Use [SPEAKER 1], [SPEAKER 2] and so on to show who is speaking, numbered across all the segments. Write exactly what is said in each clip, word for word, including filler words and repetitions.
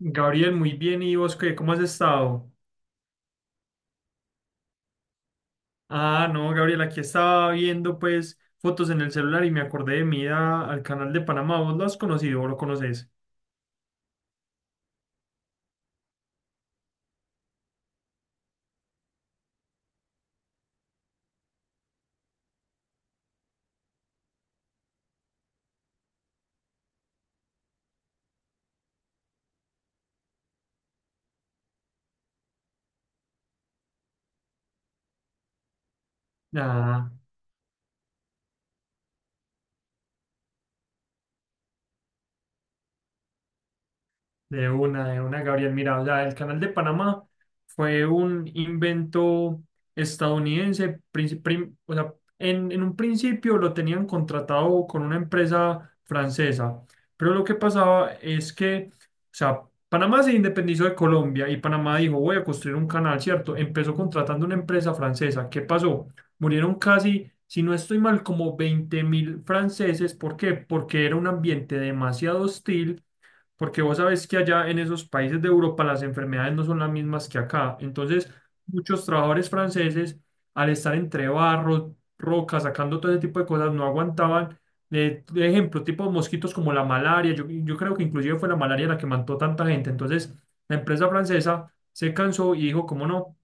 [SPEAKER 1] Gabriel, muy bien. ¿Y vos qué? ¿Cómo has estado? Ah, no, Gabriel, aquí estaba viendo pues fotos en el celular y me acordé de mí a- al canal de Panamá. ¿Vos lo has conocido o lo conoces? Ah. De una, de una, Gabriel. Mira, o sea, el Canal de Panamá fue un invento estadounidense. Princi- prim- o sea, en, en un principio lo tenían contratado con una empresa francesa, pero lo que pasaba es que, o sea, Panamá se independizó de Colombia y Panamá dijo, voy a construir un canal, ¿cierto? Empezó contratando una empresa francesa. ¿Qué pasó? Murieron casi, si no estoy mal, como veinte mil franceses. ¿Por qué? Porque era un ambiente demasiado hostil porque vos sabés que allá en esos países de Europa las enfermedades no son las mismas que acá. Entonces, muchos trabajadores franceses, al estar entre barro, rocas, sacando todo ese tipo de cosas, no aguantaban. De, de Ejemplo, tipo mosquitos como la malaria. Yo, yo creo que inclusive fue la malaria la que mató tanta gente. Entonces, la empresa francesa se cansó y dijo, ¿cómo no?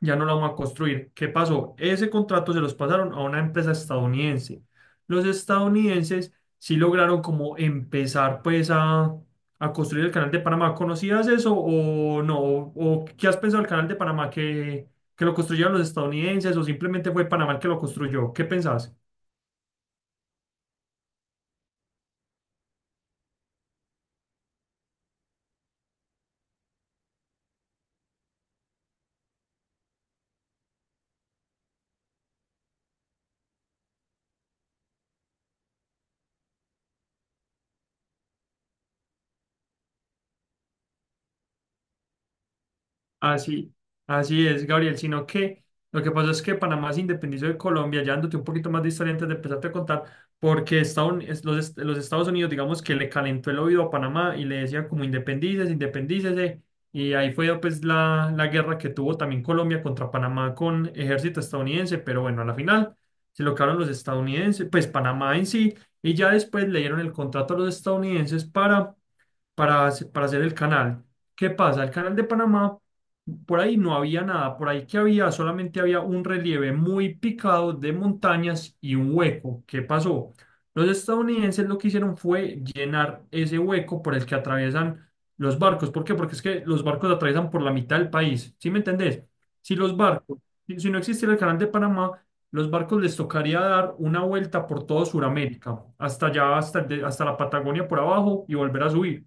[SPEAKER 1] Ya no la vamos a construir. ¿Qué pasó? Ese contrato se los pasaron a una empresa estadounidense. Los estadounidenses sí lograron como empezar pues a, a construir el canal de Panamá. ¿Conocías eso o no? ¿O qué has pensado del canal de Panamá que, que lo construyeron los estadounidenses o simplemente fue Panamá el que lo construyó? ¿Qué pensás? Así, así es, Gabriel, sino que lo que pasa es que Panamá se independizó de Colombia, ya dándote un poquito más de historia antes de empezarte a contar, porque Estados es- los, est- los Estados Unidos, digamos que le calentó el oído a Panamá y le decía como independícese, independícese, y ahí fue pues la, la guerra que tuvo también Colombia contra Panamá con ejército estadounidense, pero bueno, a la final se lo quedaron los estadounidenses, pues Panamá en sí, y ya después le dieron el contrato a los estadounidenses para para, hace- para hacer el canal. ¿Qué pasa? El canal de Panamá, por ahí no había nada, por ahí que había, solamente había un relieve muy picado de montañas y un hueco. ¿Qué pasó? Los estadounidenses lo que hicieron fue llenar ese hueco por el que atraviesan los barcos. ¿Por qué? Porque es que los barcos atraviesan por la mitad del país. ¿Sí me entendés? Si los barcos, si si no existiera el canal de Panamá, los barcos les tocaría dar una vuelta por todo Sudamérica, hasta allá, hasta, el de- hasta la Patagonia por abajo y volver a subir.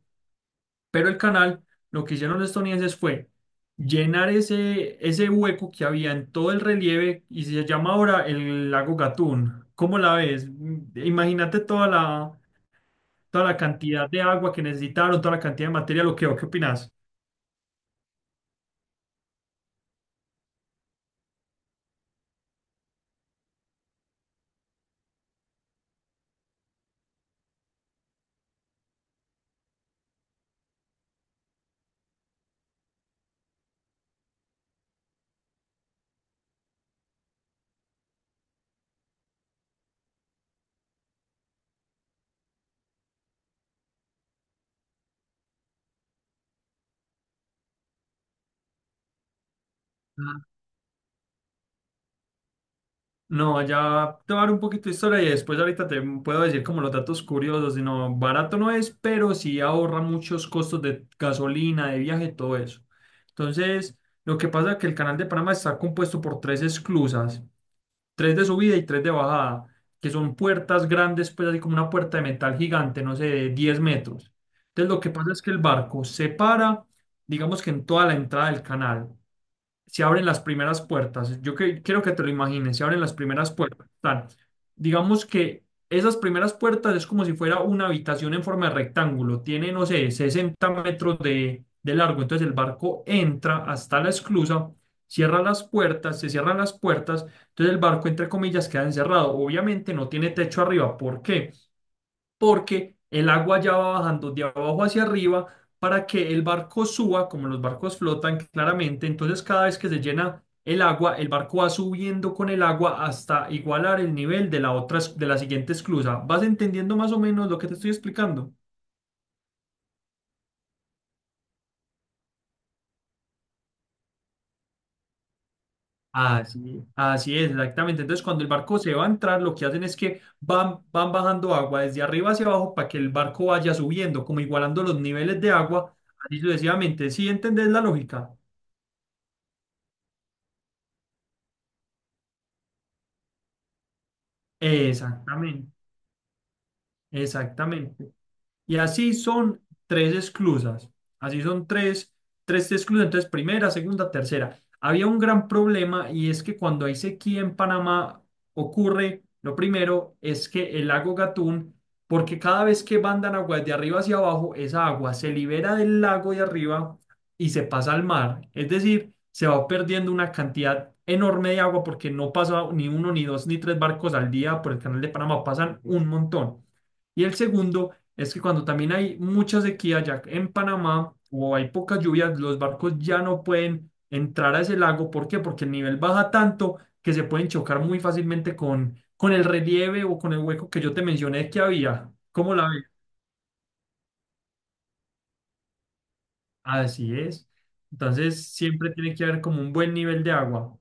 [SPEAKER 1] Pero el canal, lo que hicieron los estadounidenses fue llenar ese, ese hueco que había en todo el relieve y se llama ahora el lago Gatún. ¿Cómo la ves? Mm, imagínate toda la, toda la cantidad de agua que necesitaron, toda la cantidad de material, ¿o qué, ¿o qué opinas? No, ya te voy a dar un poquito de historia y después ahorita te puedo decir como los datos curiosos. Sino barato no es, pero sí ahorra muchos costos de gasolina, de viaje, todo eso. Entonces, lo que pasa es que el canal de Panamá está compuesto por tres esclusas, tres de subida y tres de bajada, que son puertas grandes, pues así como una puerta de metal gigante, no sé, de diez metros. Entonces, lo que pasa es que el barco se para, digamos que en toda la entrada del canal se abren las primeras puertas. Yo que- quiero que te lo imagines, se abren las primeras puertas. Tan, digamos que esas primeras puertas es como si fuera una habitación en forma de rectángulo. Tiene, no sé, sesenta metros de, de largo. Entonces el barco entra hasta la esclusa, cierra las puertas, se cierran las puertas. Entonces el barco, entre comillas, queda encerrado. Obviamente no tiene techo arriba. ¿Por qué? Porque el agua ya va bajando de abajo hacia arriba para que el barco suba, como los barcos flotan claramente, entonces cada vez que se llena el agua, el barco va subiendo con el agua hasta igualar el nivel de la otra, es- de la siguiente esclusa. ¿Vas entendiendo más o menos lo que te estoy explicando? Así, así es, exactamente. Entonces, cuando el barco se va a entrar, lo que hacen es que van, van bajando agua desde arriba hacia abajo para que el barco vaya subiendo, como igualando los niveles de agua, así sucesivamente. ¿Sí entendés la lógica? Exactamente, exactamente. Y así son tres esclusas. Así son tres, tres esclusas. Entonces, primera, segunda, tercera. Había un gran problema y es que cuando hay sequía en Panamá ocurre, lo primero es que el lago Gatún, porque cada vez que mandan agua de arriba hacia abajo, esa agua se libera del lago de arriba y se pasa al mar. Es decir, se va perdiendo una cantidad enorme de agua porque no pasa ni uno, ni dos, ni tres barcos al día por el canal de Panamá, pasan un montón. Y el segundo es que cuando también hay mucha sequía ya en Panamá o hay pocas lluvias, los barcos ya no pueden entrar a ese lago. ¿Por qué? Porque el nivel baja tanto que se pueden chocar muy fácilmente con, con el relieve o con el hueco que yo te mencioné que había. ¿Cómo la ves? Así es. Entonces siempre tiene que haber como un buen nivel de agua.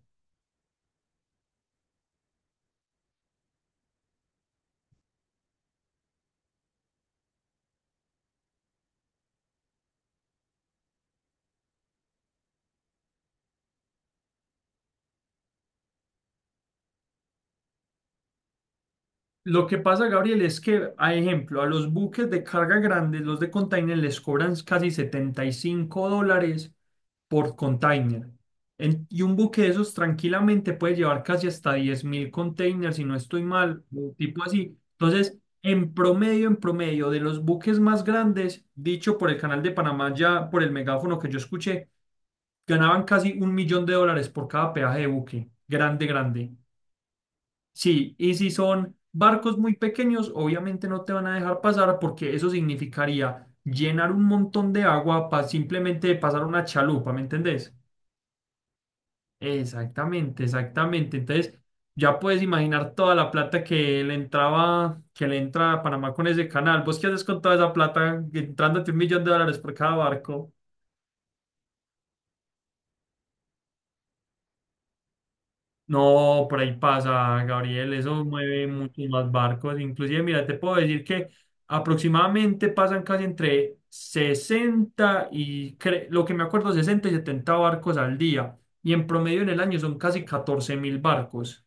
[SPEAKER 1] Lo que pasa, Gabriel, es que, a ejemplo, a los buques de carga grandes, los de container, les cobran casi setenta y cinco dólares por container. En- y un buque de esos tranquilamente puede llevar casi hasta diez mil containers, si no estoy mal, o tipo así. Entonces, en promedio, en promedio, de los buques más grandes, dicho por el Canal de Panamá, ya por el megáfono que yo escuché, ganaban casi un millón de dólares por cada peaje de buque. Grande, grande. Sí, y si son barcos muy pequeños, obviamente no te van a dejar pasar porque eso significaría llenar un montón de agua para simplemente pasar una chalupa, ¿me entendés? Exactamente, exactamente. Entonces, ya puedes imaginar toda la plata que le entraba, que le entra a Panamá con ese canal. ¿Vos qué haces con toda esa plata? Entrándote un millón de dólares por cada barco. No, por ahí pasa, Gabriel. Eso mueve muchos más barcos. Inclusive, mira, te puedo decir que aproximadamente pasan casi entre sesenta y, cre- lo que me acuerdo, sesenta y setenta barcos al día. Y en promedio en el año son casi catorce mil barcos.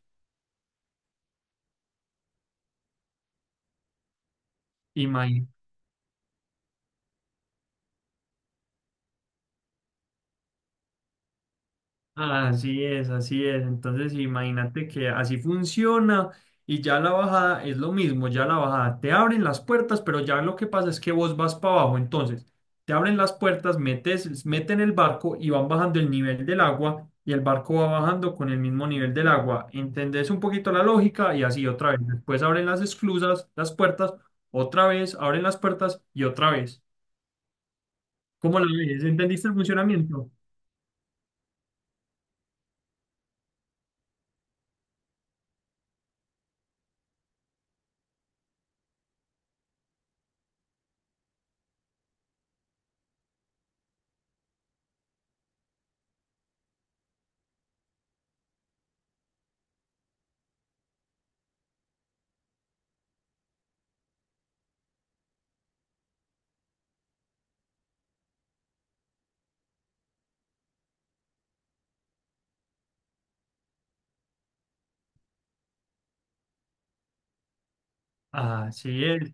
[SPEAKER 1] Así es, así es. Entonces, imagínate que así funciona y ya la bajada es lo mismo, ya la bajada te abren las puertas, pero ya lo que pasa es que vos vas para abajo. Entonces, te abren las puertas, metes, meten el barco y van bajando el nivel del agua y el barco va bajando con el mismo nivel del agua. ¿Entendés un poquito la lógica? Y así otra vez. Después abren las esclusas, las puertas, otra vez, abren las puertas y otra vez. ¿Cómo lo ves? ¿Entendiste el funcionamiento? Así es.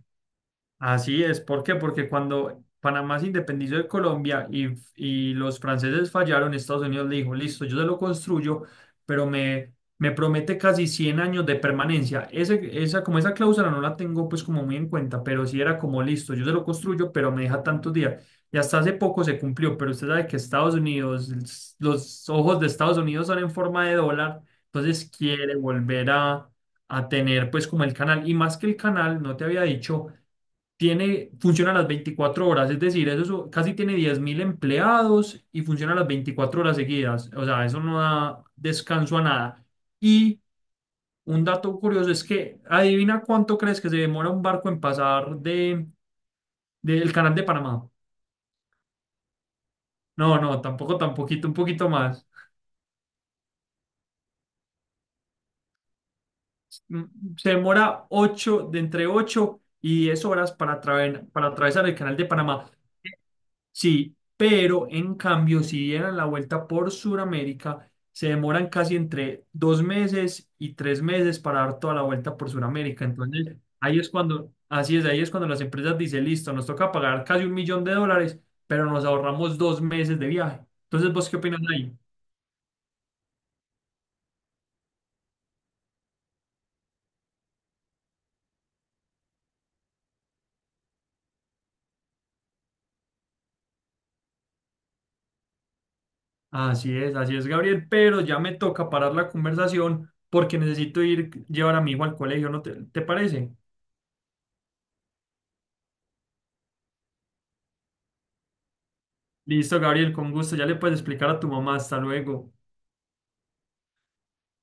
[SPEAKER 1] Así es, ¿por qué? Porque cuando Panamá se independizó de Colombia y, y los franceses fallaron, Estados Unidos le dijo, listo, yo se lo construyo, pero me, me promete casi cien años de permanencia. Ese, esa, como esa cláusula no la tengo pues como muy en cuenta, pero sí era como, listo, yo se lo construyo, pero me deja tantos días. Y hasta hace poco se cumplió, pero usted sabe que Estados Unidos, los ojos de Estados Unidos son en forma de dólar, entonces quiere volver a, a tener pues como el canal, y más que el canal, no te había dicho tiene, funciona las veinticuatro horas, es decir, eso su- casi tiene diez mil empleados y funciona las veinticuatro horas seguidas, o sea, eso no da descanso a nada. Y un dato curioso es que, adivina cuánto crees que se demora un barco en pasar de, del canal de Panamá. No, no, tampoco, tan poquito, un poquito más. Mm, se demora ocho, de entre ocho y diez horas para, atraven- para atravesar el canal de Panamá. Sí, pero en cambio, si dieran la vuelta por Sudamérica, se demoran casi entre dos meses y tres meses para dar toda la vuelta por Sudamérica. Entonces, ahí es cuando, así es, ahí es cuando las empresas dicen, listo, nos toca pagar casi un millón de dólares, pero nos ahorramos dos meses de viaje. Entonces, ¿vos qué opinas ahí? Así es, así es, Gabriel, pero ya me toca parar la conversación porque necesito ir llevar a mi hijo al colegio, ¿no te, te parece? Listo, Gabriel, con gusto, ya le puedes explicar a tu mamá, hasta luego.